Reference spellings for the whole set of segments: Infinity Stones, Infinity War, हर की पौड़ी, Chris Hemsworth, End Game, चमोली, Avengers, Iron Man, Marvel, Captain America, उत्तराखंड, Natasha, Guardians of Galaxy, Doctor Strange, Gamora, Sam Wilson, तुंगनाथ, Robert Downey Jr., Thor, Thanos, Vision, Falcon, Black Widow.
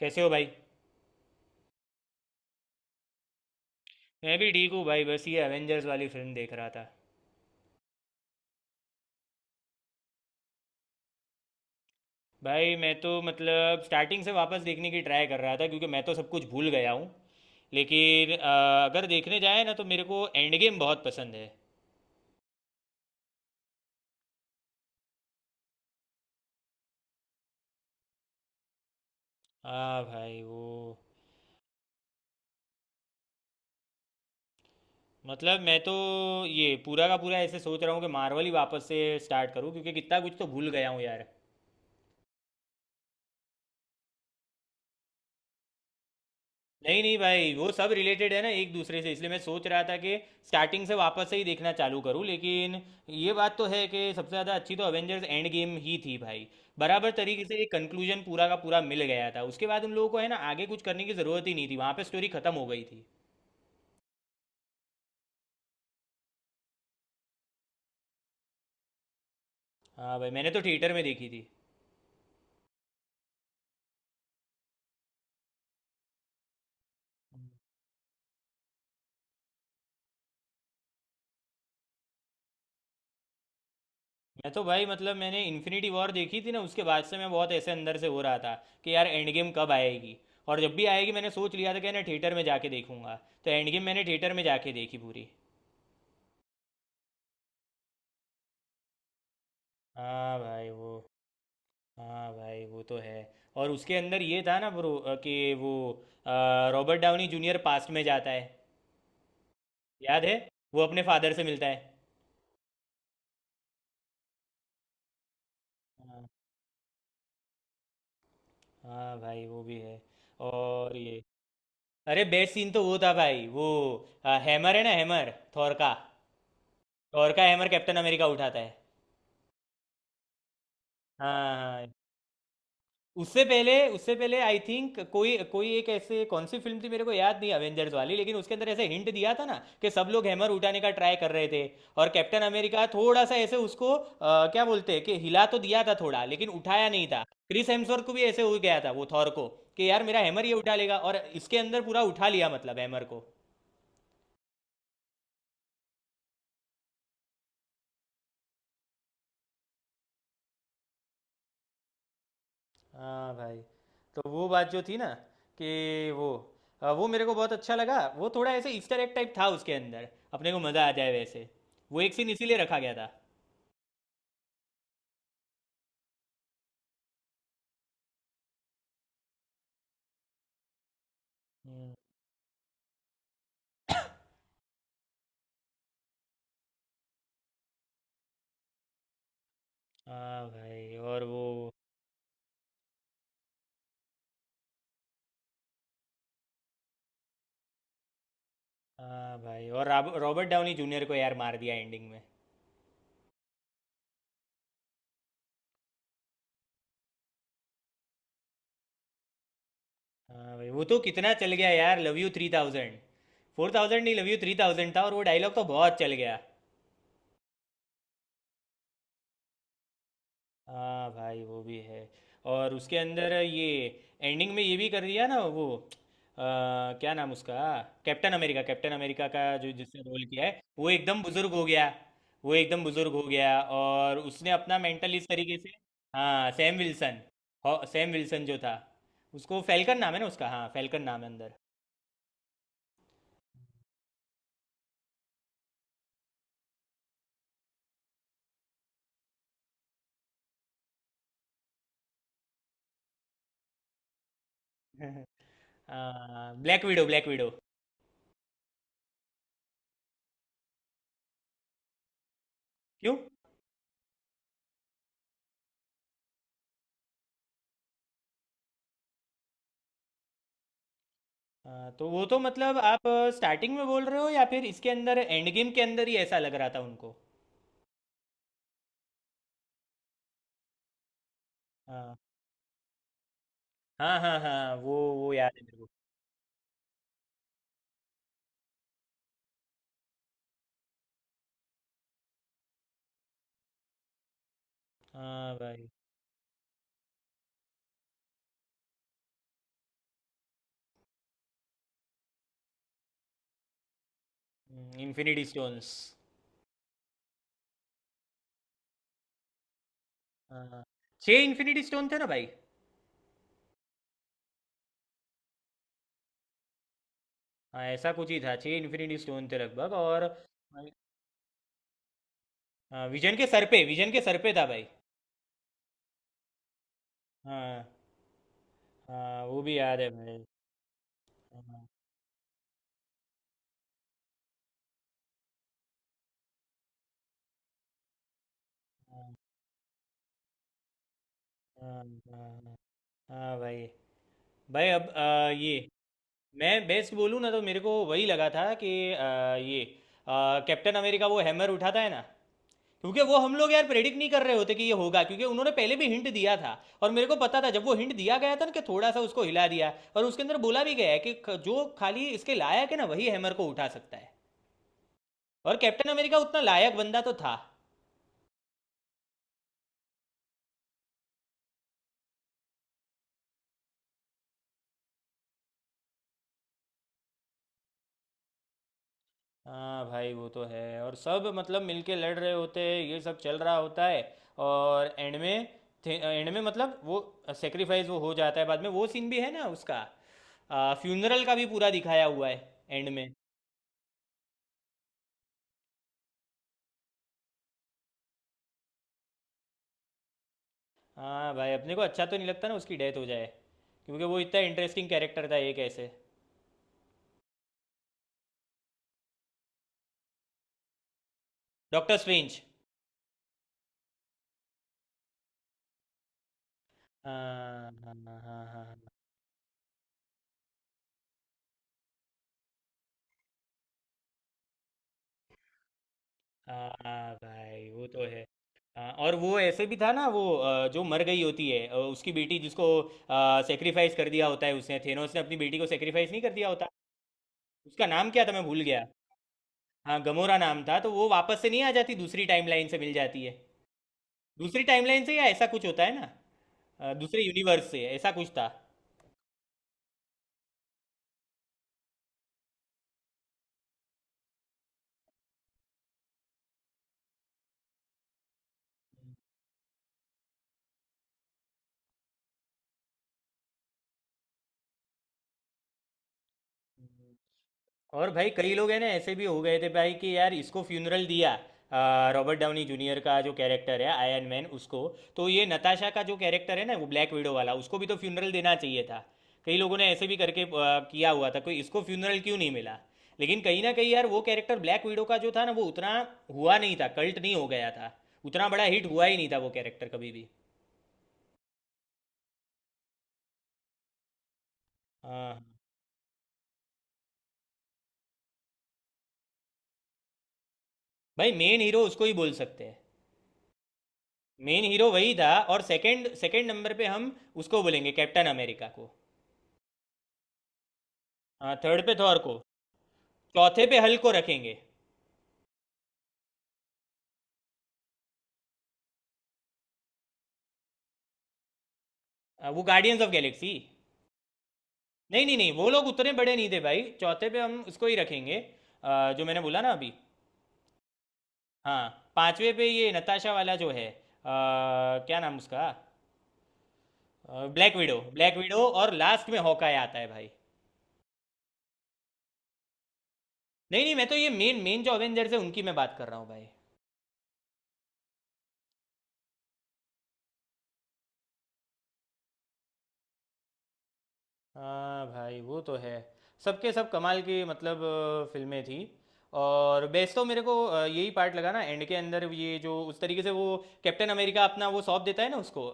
कैसे हो भाई? मैं भी ठीक हूँ भाई। बस ये एवेंजर्स वाली फिल्म देख रहा था। भाई मैं तो मतलब स्टार्टिंग से वापस देखने की ट्राई कर रहा था क्योंकि मैं तो सब कुछ भूल गया हूँ। लेकिन अगर देखने जाए ना तो मेरे को एंड गेम बहुत पसंद है। हाँ भाई वो मतलब मैं तो ये पूरा का पूरा ऐसे सोच रहा हूँ कि मार्वल ही वापस से स्टार्ट करूँ क्योंकि कितना कुछ तो भूल गया हूँ यार। नहीं नहीं भाई, वो सब रिलेटेड है ना एक दूसरे से, इसलिए मैं सोच रहा था कि स्टार्टिंग से वापस से ही देखना चालू करूं। लेकिन ये बात तो है कि सबसे ज़्यादा अच्छी तो अवेंजर्स एंड गेम ही थी भाई। बराबर तरीके से एक कंक्लूजन पूरा का पूरा मिल गया था। उसके बाद उन लोगों को है ना आगे कुछ करने की ज़रूरत ही नहीं थी, वहाँ पे स्टोरी ख़त्म हो गई थी। हाँ भाई मैंने तो थिएटर में देखी थी। मैं तो भाई मतलब मैंने इन्फिनिटी वॉर देखी थी ना, उसके बाद से मैं बहुत ऐसे अंदर से हो रहा था कि यार एंड गेम कब आएगी। और जब भी आएगी मैंने सोच लिया था कि ना थिएटर में जाके देखूंगा। तो एंड गेम मैंने थिएटर में जाके देखी पूरी। हाँ भाई वो, हाँ भाई वो तो है। और उसके अंदर ये था ना ब्रो, कि वो अ, रॉबर्ट डाउनी जूनियर पास्ट में जाता है। याद है? वो अपने फादर से मिलता है। हाँ। हाँ भाई वो भी है। और ये, अरे बेस्ट सीन तो वो था भाई, वो हैमर है ना, हैमर थॉर का। थॉर का हैमर कैप्टन अमेरिका उठाता है। हाँ हाँ। उससे पहले आई थिंक कोई कोई एक ऐसे कौन सी फिल्म थी मेरे को याद नहीं, अवेंजर्स वाली, लेकिन उसके अंदर ऐसे हिंट दिया था ना कि सब लोग हैमर उठाने का ट्राई कर रहे थे। और कैप्टन अमेरिका थोड़ा सा ऐसे उसको क्या बोलते हैं, कि हिला तो दिया था थोड़ा लेकिन उठाया नहीं था। क्रिस हेम्सवर्थ को भी ऐसे हो गया था, वो थॉर को, कि यार मेरा हैमर ये उठा लेगा। और इसके अंदर पूरा उठा लिया मतलब हैमर को। हाँ भाई। तो वो बात जो थी ना, कि वो वो मेरे को बहुत अच्छा लगा, वो थोड़ा ऐसे ईस्टर एग टाइप था उसके अंदर। अपने को मज़ा आ जाए वैसे। वो एक सीन इसीलिए रखा गया था। हम्म। हाँ भाई और वो, हाँ भाई और रॉबर्ट डाउनी जूनियर को यार मार दिया एंडिंग में। हाँ भाई वो तो कितना चल गया यार लव यू 3000। 4000 नहीं, लव यू 3000 था, और वो डायलॉग तो बहुत चल गया। हाँ भाई वो भी है। और उसके अंदर ये, एंडिंग में ये भी कर दिया ना वो अ, क्या नाम उसका, कैप्टन अमेरिका का जो जिसने रोल किया है वो एकदम बुजुर्ग हो गया। वो एकदम बुजुर्ग हो गया और उसने अपना मेंटल इस तरीके से। हाँ सैम विल्सन, सैम विल्सन जो था उसको फैल्कन नाम है ना उसका, हाँ फैल्कन नाम है अंदर। हाँ, ब्लैक विडो ब्लैक विडो। क्यों? हाँ, तो वो तो मतलब आप स्टार्टिंग में बोल रहे हो या फिर इसके अंदर एंड गेम के अंदर ही ऐसा लग रहा था उनको? हाँ हाँ हाँ। हाँ वो याद है मेरे को। हाँ भाई। Infinity stones. हाँ, छः इन्फिनिटी स्टोन थे ना भाई। हाँ ऐसा कुछ ही था, छः इन्फिनिटी स्टोन थे लगभग। और हाँ, विजन के सर पे था भाई। हाँ। हाँ वो भी याद है भाई। हाँ हाँ हाँ। हाँ भाई। भाई अब ये, मैं बेस्ट बोलूँ ना तो मेरे को वही लगा था कि ये कैप्टन अमेरिका वो हैमर उठाता है ना। क्योंकि वो हम लोग यार प्रेडिक्ट नहीं कर रहे होते कि ये होगा, क्योंकि उन्होंने पहले भी हिंट दिया था। और मेरे को पता था, जब वो हिंट दिया गया था ना, कि थोड़ा सा उसको हिला दिया और उसके अंदर बोला भी गया है कि जो खाली इसके लायक है ना वही हैमर को उठा सकता है। और कैप्टन अमेरिका उतना लायक बंदा तो था। हाँ भाई वो तो है, और सब मतलब मिलके लड़ रहे होते हैं, ये सब चल रहा होता है। और एंड में मतलब वो सेक्रीफाइस वो हो जाता है बाद में, वो सीन भी है ना उसका, फ्यूनरल का भी पूरा दिखाया हुआ है एंड में। हाँ भाई, अपने को अच्छा तो नहीं लगता ना उसकी डेथ हो जाए। क्योंकि वो इतना इंटरेस्टिंग कैरेक्टर था एक ऐसे। Doctor strange. हाँ हाँ हाँ। हाँ। हाँ हाँ, हाँ, भाई वो तो है। हाँ, और वो ऐसे भी था ना वो जो मर गई होती है उसकी बेटी जिसको सेक्रीफाइस कर दिया होता है, उसने, थेनोस ने अपनी बेटी को सेक्रीफाइस नहीं कर दिया होता? उसका नाम क्या था मैं भूल गया। हाँ गमोरा नाम था। तो वो वापस से नहीं आ जाती दूसरी टाइमलाइन से मिल जाती है। दूसरी टाइमलाइन से या ऐसा कुछ होता है ना, दूसरे यूनिवर्स से ऐसा कुछ था। और भाई कई लोग हैं ना ऐसे भी हो गए थे भाई कि यार इसको फ्यूनरल दिया, रॉबर्ट डाउनी जूनियर का जो कैरेक्टर है आयरन मैन उसको, तो ये नताशा का जो कैरेक्टर है ना वो ब्लैक विडो वाला उसको भी तो फ्यूनरल देना चाहिए था। कई लोगों ने ऐसे भी करके किया हुआ था कोई इसको फ्यूनरल क्यों नहीं मिला। लेकिन कहीं ना कहीं यार वो कैरेक्टर ब्लैक विडो का जो था ना वो उतना हुआ नहीं था, कल्ट नहीं हो गया था। उतना बड़ा हिट हुआ ही नहीं था वो कैरेक्टर कभी भी। हाँ भाई, मेन हीरो उसको ही बोल सकते हैं। मेन हीरो वही था, और सेकंड सेकंड नंबर पे हम उसको बोलेंगे कैप्टन अमेरिका को। हाँ थर्ड पे थॉर को, चौथे पे हल्क को रखेंगे। वो गार्डियंस ऑफ गैलेक्सी। नहीं नहीं नहीं वो लोग उतने बड़े नहीं थे भाई, चौथे पे हम उसको ही रखेंगे, जो मैंने बोला ना अभी। हाँ पांचवे पे ये नताशा वाला जो है, क्या नाम उसका, ब्लैक विडो, ब्लैक विडो, और लास्ट में हॉकाय आता है भाई। नहीं नहीं, मैं तो ये मेन मेन जो अवेंजर्स है उनकी मैं बात कर रहा हूँ भाई। हाँ भाई वो तो है, सबके सब कमाल की मतलब फिल्में थी। और बेस्ट तो मेरे को यही पार्ट लगा ना एंड के अंदर, ये जो उस तरीके से वो कैप्टन अमेरिका अपना वो सौंप देता है ना उसको,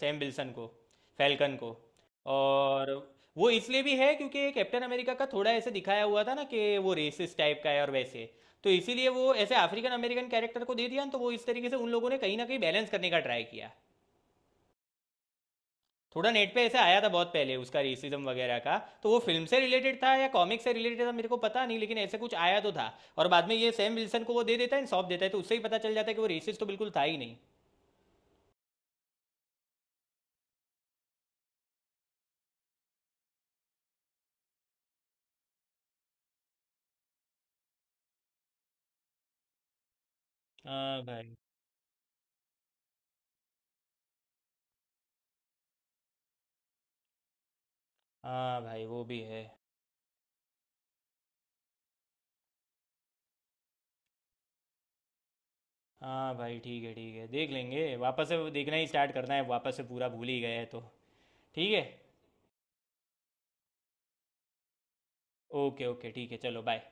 सैम विल्सन को, फैल्कन को। और वो इसलिए भी है क्योंकि कैप्टन अमेरिका का थोड़ा ऐसे दिखाया हुआ था ना कि वो रेसिस्ट टाइप का है और वैसे। तो इसीलिए वो ऐसे अफ्रीकन अमेरिकन कैरेक्टर को दे दिया ना, तो वो इस तरीके से उन लोगों ने कहीं ना कहीं बैलेंस करने का ट्राई किया। थोड़ा नेट पे ऐसे आया था बहुत पहले उसका रेसिज्म वगैरह का। तो वो फिल्म से रिलेटेड था या कॉमिक से रिलेटेड था मेरे को पता नहीं, लेकिन ऐसे कुछ आया तो था। और बाद में ये सैम विल्सन को वो दे देता है सौंप देता है, तो उससे ही पता चल जाता है कि वो रेसिस्ट तो बिल्कुल था ही नहीं। हाँ भाई। हाँ भाई वो भी है। हाँ भाई ठीक है ठीक है, देख लेंगे वापस से, वो देखना ही स्टार्ट करना है वापस से पूरा भूल ही गए हैं तो। ठीक है। ओके ओके ठीक है, चलो बाय।